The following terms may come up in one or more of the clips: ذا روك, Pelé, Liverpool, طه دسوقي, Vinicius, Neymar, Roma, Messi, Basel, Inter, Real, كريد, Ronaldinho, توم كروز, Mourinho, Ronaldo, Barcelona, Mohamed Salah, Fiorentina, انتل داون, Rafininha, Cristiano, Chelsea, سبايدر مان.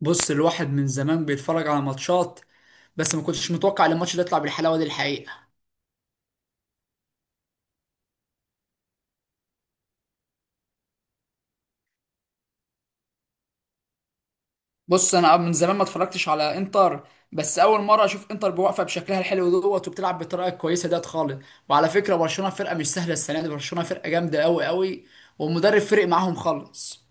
بص، الواحد من زمان بيتفرج على ماتشات، بس ما كنتش متوقع ان الماتش ده يطلع بالحلاوه دي الحقيقه. بص، انا من زمان ما اتفرجتش على انتر، بس اول مره اشوف انتر بواقفه بشكلها الحلو دوت وبتلعب بالطريقه الكويسه ديت خالص. وعلى فكره، برشلونه فرقه مش سهله السنه دي، برشلونه فرقه جامده قوي قوي. والمدرب فرق معاهم خالص.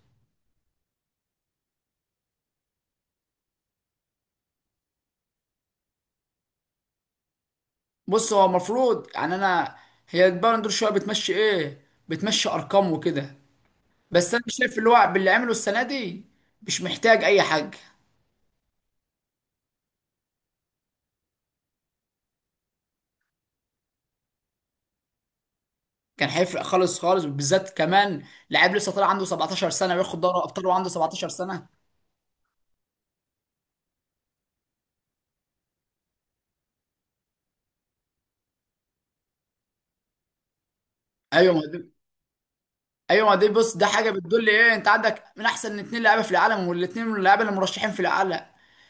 بص، هو المفروض يعني انا هي البالون دور شويه بتمشي ايه؟ بتمشي ارقام وكده. بس انا شايف اللي هو باللي عمله السنه دي مش محتاج اي حاجه. كان هيفرق خالص خالص، وبالذات كمان لعيب لسه طالع عنده 17 سنه وياخد دوري ابطال وعنده 17 سنه. ايوه ما دي، ايوه ما دي. بص، ده حاجه بتدل ايه؟ انت عندك من احسن اتنين لعيبه في العالم، والاثنين من اللعيبه اللي مرشحين في العالم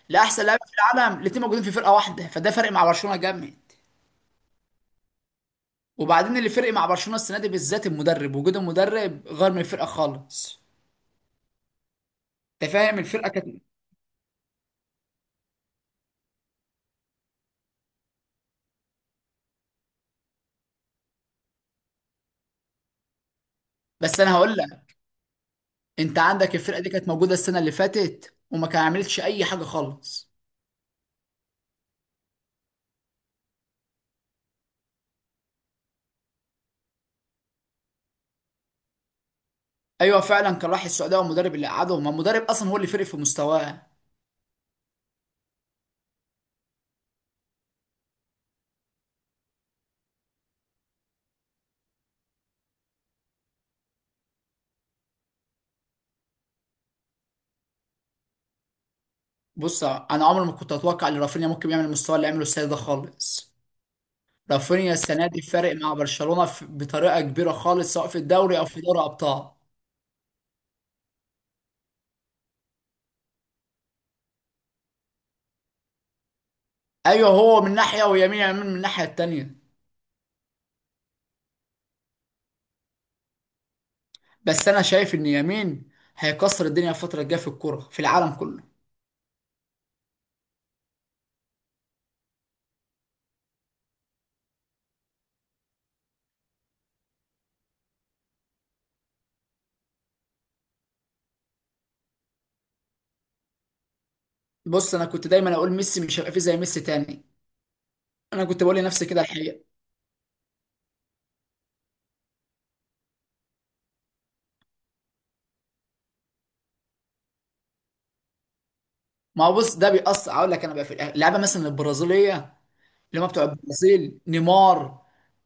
لاحسن لعيبه في العالم، الاثنين موجودين في فرقه واحده، فده فرق مع برشلونه جامد. وبعدين اللي فرق مع برشلونه السنه دي بالذات المدرب، وجود المدرب غير من الفرقه خالص. انت فاهم الفرقه كانت. بس انا هقول لك، انت عندك الفرقه دي كانت موجوده السنه اللي فاتت وما كان عملتش اي حاجه خالص. ايوه فعلا، كان راح السعوديه، والمدرب اللي قعده، ما المدرب اصلا هو اللي فرق في مستواه. بص، انا عمري ما كنت اتوقع ان رافينيا ممكن يعمل المستوى اللي عمله السنه ده خالص. رافينيا السنه دي فارق مع برشلونه بطريقه كبيره خالص، سواء في الدوري او في دوري ابطال. ايوه، هو من ناحيه ويمين يامين من الناحيه التانيه. بس انا شايف ان يمين هيكسر الدنيا الفتره الجايه في الكوره في العالم كله. بص، انا كنت دايما اقول ميسي مش هيبقى فيه زي ميسي تاني. انا كنت بقول لنفسي كده الحقيقه. ما هو بص، ده بيأثر. اقول لك انا بقى في اللعبه مثلا البرازيليه، الجماعه بتوع البرازيل، نيمار،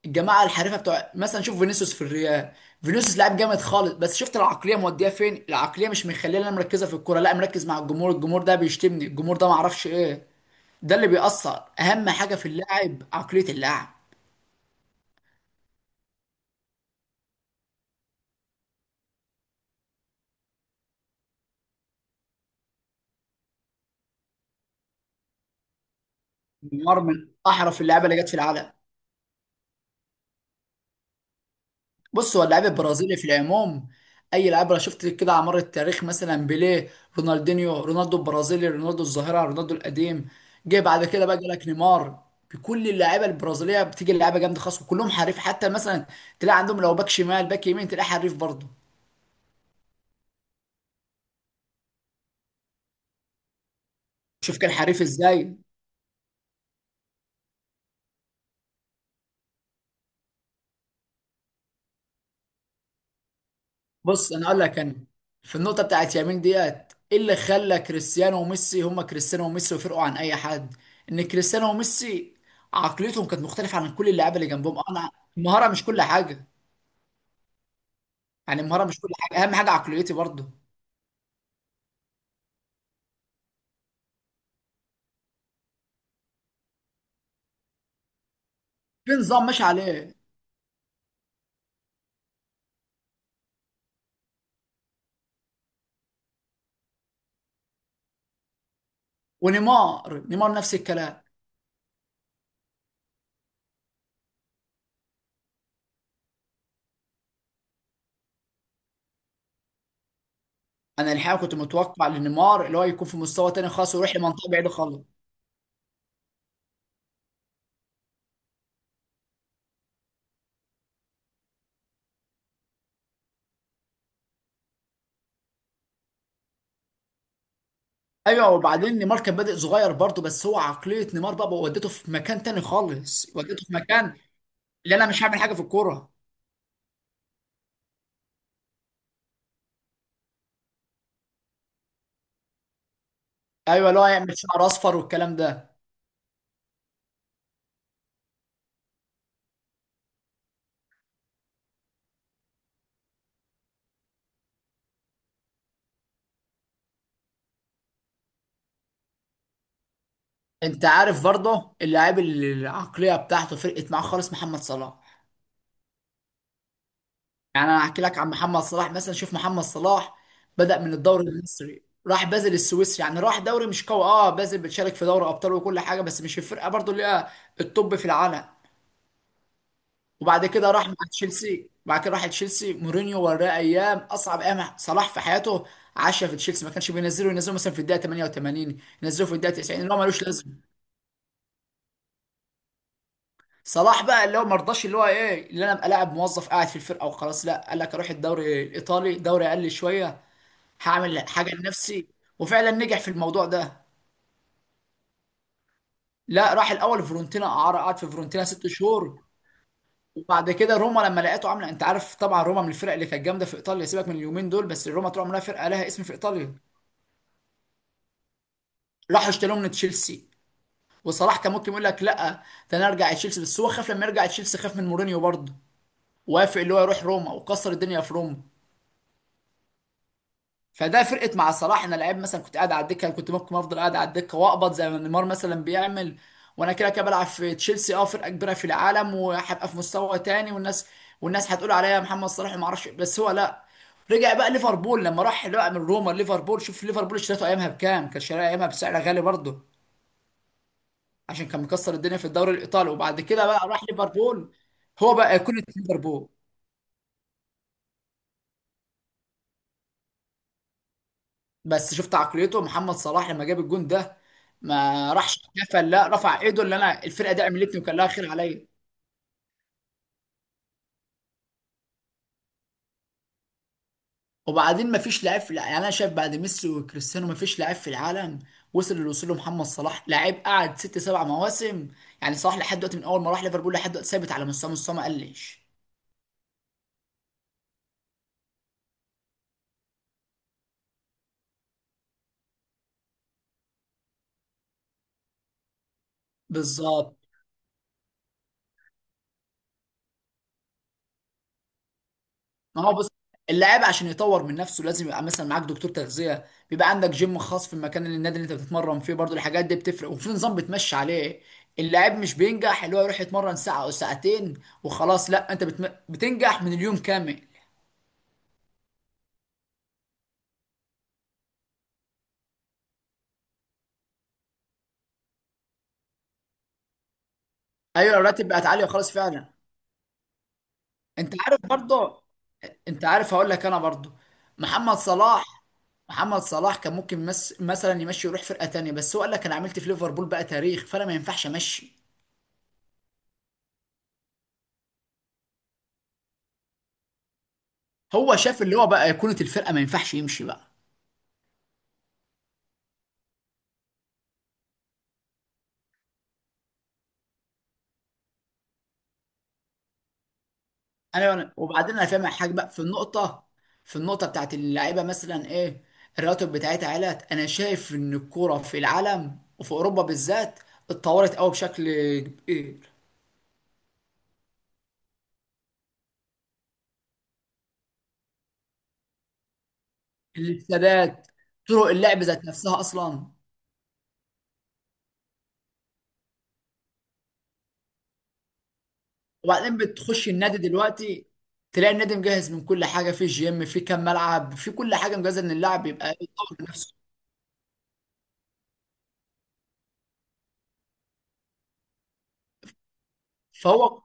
الجماعه الحريفه بتوع، مثلا شوف فينيسيوس في الريال. فينيسيوس لاعب جامد خالص، بس شفت العقليه موديه فين؟ العقليه مش مخليه، انا مركزه في الكوره لا، مركز مع الجمهور، الجمهور ده بيشتمني، الجمهور ده ما اعرفش ايه. ده اللي بيأثر، اهم حاجه في اللاعب عقليه اللاعب. نيمار من احرف اللعيبه اللي جت في العالم. بص، هو اللاعب البرازيلي في العموم، اي لاعب انا شفت كده على مر التاريخ مثلا، بيليه، رونالدينيو، رونالدو البرازيلي، رونالدو الظاهره، رونالدو القديم، جه بعد كده بقى جالك نيمار. بكل اللعيبه البرازيليه بتيجي اللعيبه جامده خالص، وكلهم حريف. حتى مثلا تلاقي عندهم لو باك شمال باك يمين تلاقي حريف برضه. شوف كان حريف ازاي. بص، انا اقول لك، انا في النقطه بتاعت يمين ديت: ايه اللي خلى كريستيانو وميسي هما كريستيانو وميسي وفرقوا عن اي حد؟ ان كريستيانو وميسي عقليتهم كانت مختلفه عن كل اللعيبه اللي جنبهم. انا، المهاره مش كل حاجه، يعني المهاره مش كل حاجه، اهم حاجه عقليتي برضه، في نظام ماشي عليه. ونيمار نيمار نفس الكلام. انا الحقيقه كنت متوقع لنيمار اللي هو يكون في مستوى تاني خالص ويروح لمنطقه بعيده خالص. ايوه، وبعدين نيمار كان بادئ صغير برضه، بس هو عقليه نيمار بقى ودته في مكان تاني خالص، ودته في مكان اللي انا مش هعمل حاجه في الكوره. ايوه، اللي هو يعمل شعر اصفر والكلام ده. انت عارف برضه اللاعب اللي العقليه بتاعته فرقت معاه خالص؟ محمد صلاح. يعني انا هحكي لك عن محمد صلاح، مثلا شوف محمد صلاح بدأ من الدوري المصري، راح بازل السويسري، يعني راح دوري مش قوي. اه، بازل بتشارك في دوري ابطال وكل حاجه، بس مش الفرقه برضه اللي هي التوب في العالم. وبعد كده راح مع تشيلسي، بعد كده راح تشيلسي، مورينيو وراه ايام، اصعب ايام صلاح في حياته عاشها في تشيلسي، ما كانش بينزله، ينزله مثلا في الدقيقه 88، ينزله في الدقيقه 90 اللي هو ملوش لازمه. صلاح بقى اللي هو ما رضاش، اللي هو ايه، اللي انا ابقى لاعب موظف قاعد في الفرقه وخلاص؟ لا، قال لك اروح الدوري الايطالي، دوري اقل شويه، هعمل حاجه لنفسي. وفعلا نجح في الموضوع ده. لا، راح الاول فيورنتينا اعاره، قعد في فيورنتينا 6 شهور. وبعد كده روما لما لقيته عامله، انت عارف طبعا روما من الفرق اللي كانت جامده في ايطاليا، سيبك من اليومين دول، بس روما طول عمرها فرقه لها اسم في ايطاليا. راحوا اشتروه من تشيلسي. وصلاح كان ممكن يقول لك لا، ده انا ارجع تشيلسي، بس هو خاف لما يرجع تشيلسي، خاف من مورينيو برضه. وافق اللي هو يروح روما وكسر الدنيا في روما. فده فرقت مع صلاح، انا لعيب مثلا كنت قاعد على الدكه، أنا كنت ممكن افضل قاعد على الدكه واقبض زي ما نيمار مثلا بيعمل. وانا كده كده بلعب في تشيلسي، اه فرقه كبيره في العالم، وهبقى في مستوى تاني، والناس هتقول عليا محمد صلاح ما اعرفش إيه. بس هو لا، رجع بقى ليفربول. لما راح بقى من روما ليفربول، شوف ليفربول اشتريته ايامها بكام، كان شاريها ايامها بسعر غالي برضه، عشان كان مكسر الدنيا في الدوري الايطالي. وبعد كده بقى راح ليفربول، هو بقى كل ليفربول. بس شفت عقليته محمد صلاح لما جاب الجون ده؟ ما راحش احتفل، لا، رفع ايده اللي انا الفرقه دي عملتني وكان لها خير عليا. وبعدين ما فيش لاعب يعني انا شايف بعد ميسي وكريستيانو ما فيش لاعب في العالم وصل اللي وصل له محمد صلاح، لاعب قعد 6 7 مواسم. يعني صلاح لحد دلوقتي من اول ما راح ليفربول لحد دلوقتي ثابت على مستوى، مستوى ما قلش. بالظبط. ما هو بص، اللاعب عشان يطور من نفسه لازم يبقى مثلا معاك دكتور تغذيه، بيبقى عندك جيم خاص في المكان اللي النادي اللي انت بتتمرن فيه برضو. الحاجات دي بتفرق، وفي نظام بتمشي عليه. اللاعب مش بينجح اللي هو يروح يتمرن ساعه او ساعتين وخلاص، لا، انت بتنجح من اليوم كامل. ايوه، الراتب بقت عاليه وخلاص فعلا. انت عارف برضو، انت عارف هقول لك انا برضو، محمد صلاح، محمد صلاح كان ممكن مثلا يمشي يروح فرقه تانيه، بس هو قال لك انا عملت في ليفربول بقى تاريخ، فانا ما ينفعش امشي. هو شاف اللي هو بقى ايقونه الفرقه، ما ينفعش يمشي بقى. انا يعني، وبعدين انا فاهم حاجه بقى في النقطه بتاعت اللعيبه مثلا ايه: الراتب بتاعتها علت، انا شايف ان الكوره في العالم وفي اوروبا بالذات اتطورت قوي بشكل كبير. السادات، طرق اللعب ذات نفسها اصلا. وبعدين بتخش النادي دلوقتي تلاقي النادي مجهز من كل حاجه، في جيم، في كام ملعب، في كل حاجه مجهزه ان اللاعب يبقى يطور نفسه. فهو،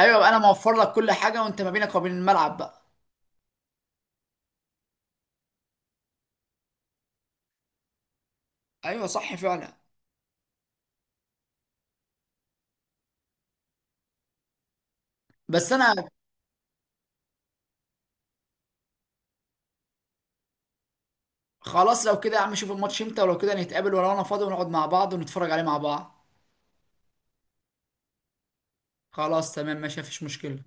ايوه انا موفر لك كل حاجه، وانت ما بينك وبين الملعب بقى. ايوه صح فعلا. بس انا، خلاص لو كده يا عم شوف الماتش امتى، ولو كده نتقابل ولو انا فاضي ونقعد مع بعض ونتفرج عليه مع بعض. خلاص تمام ماشي، مفيش مشكلة.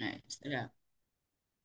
ماشي، سلام.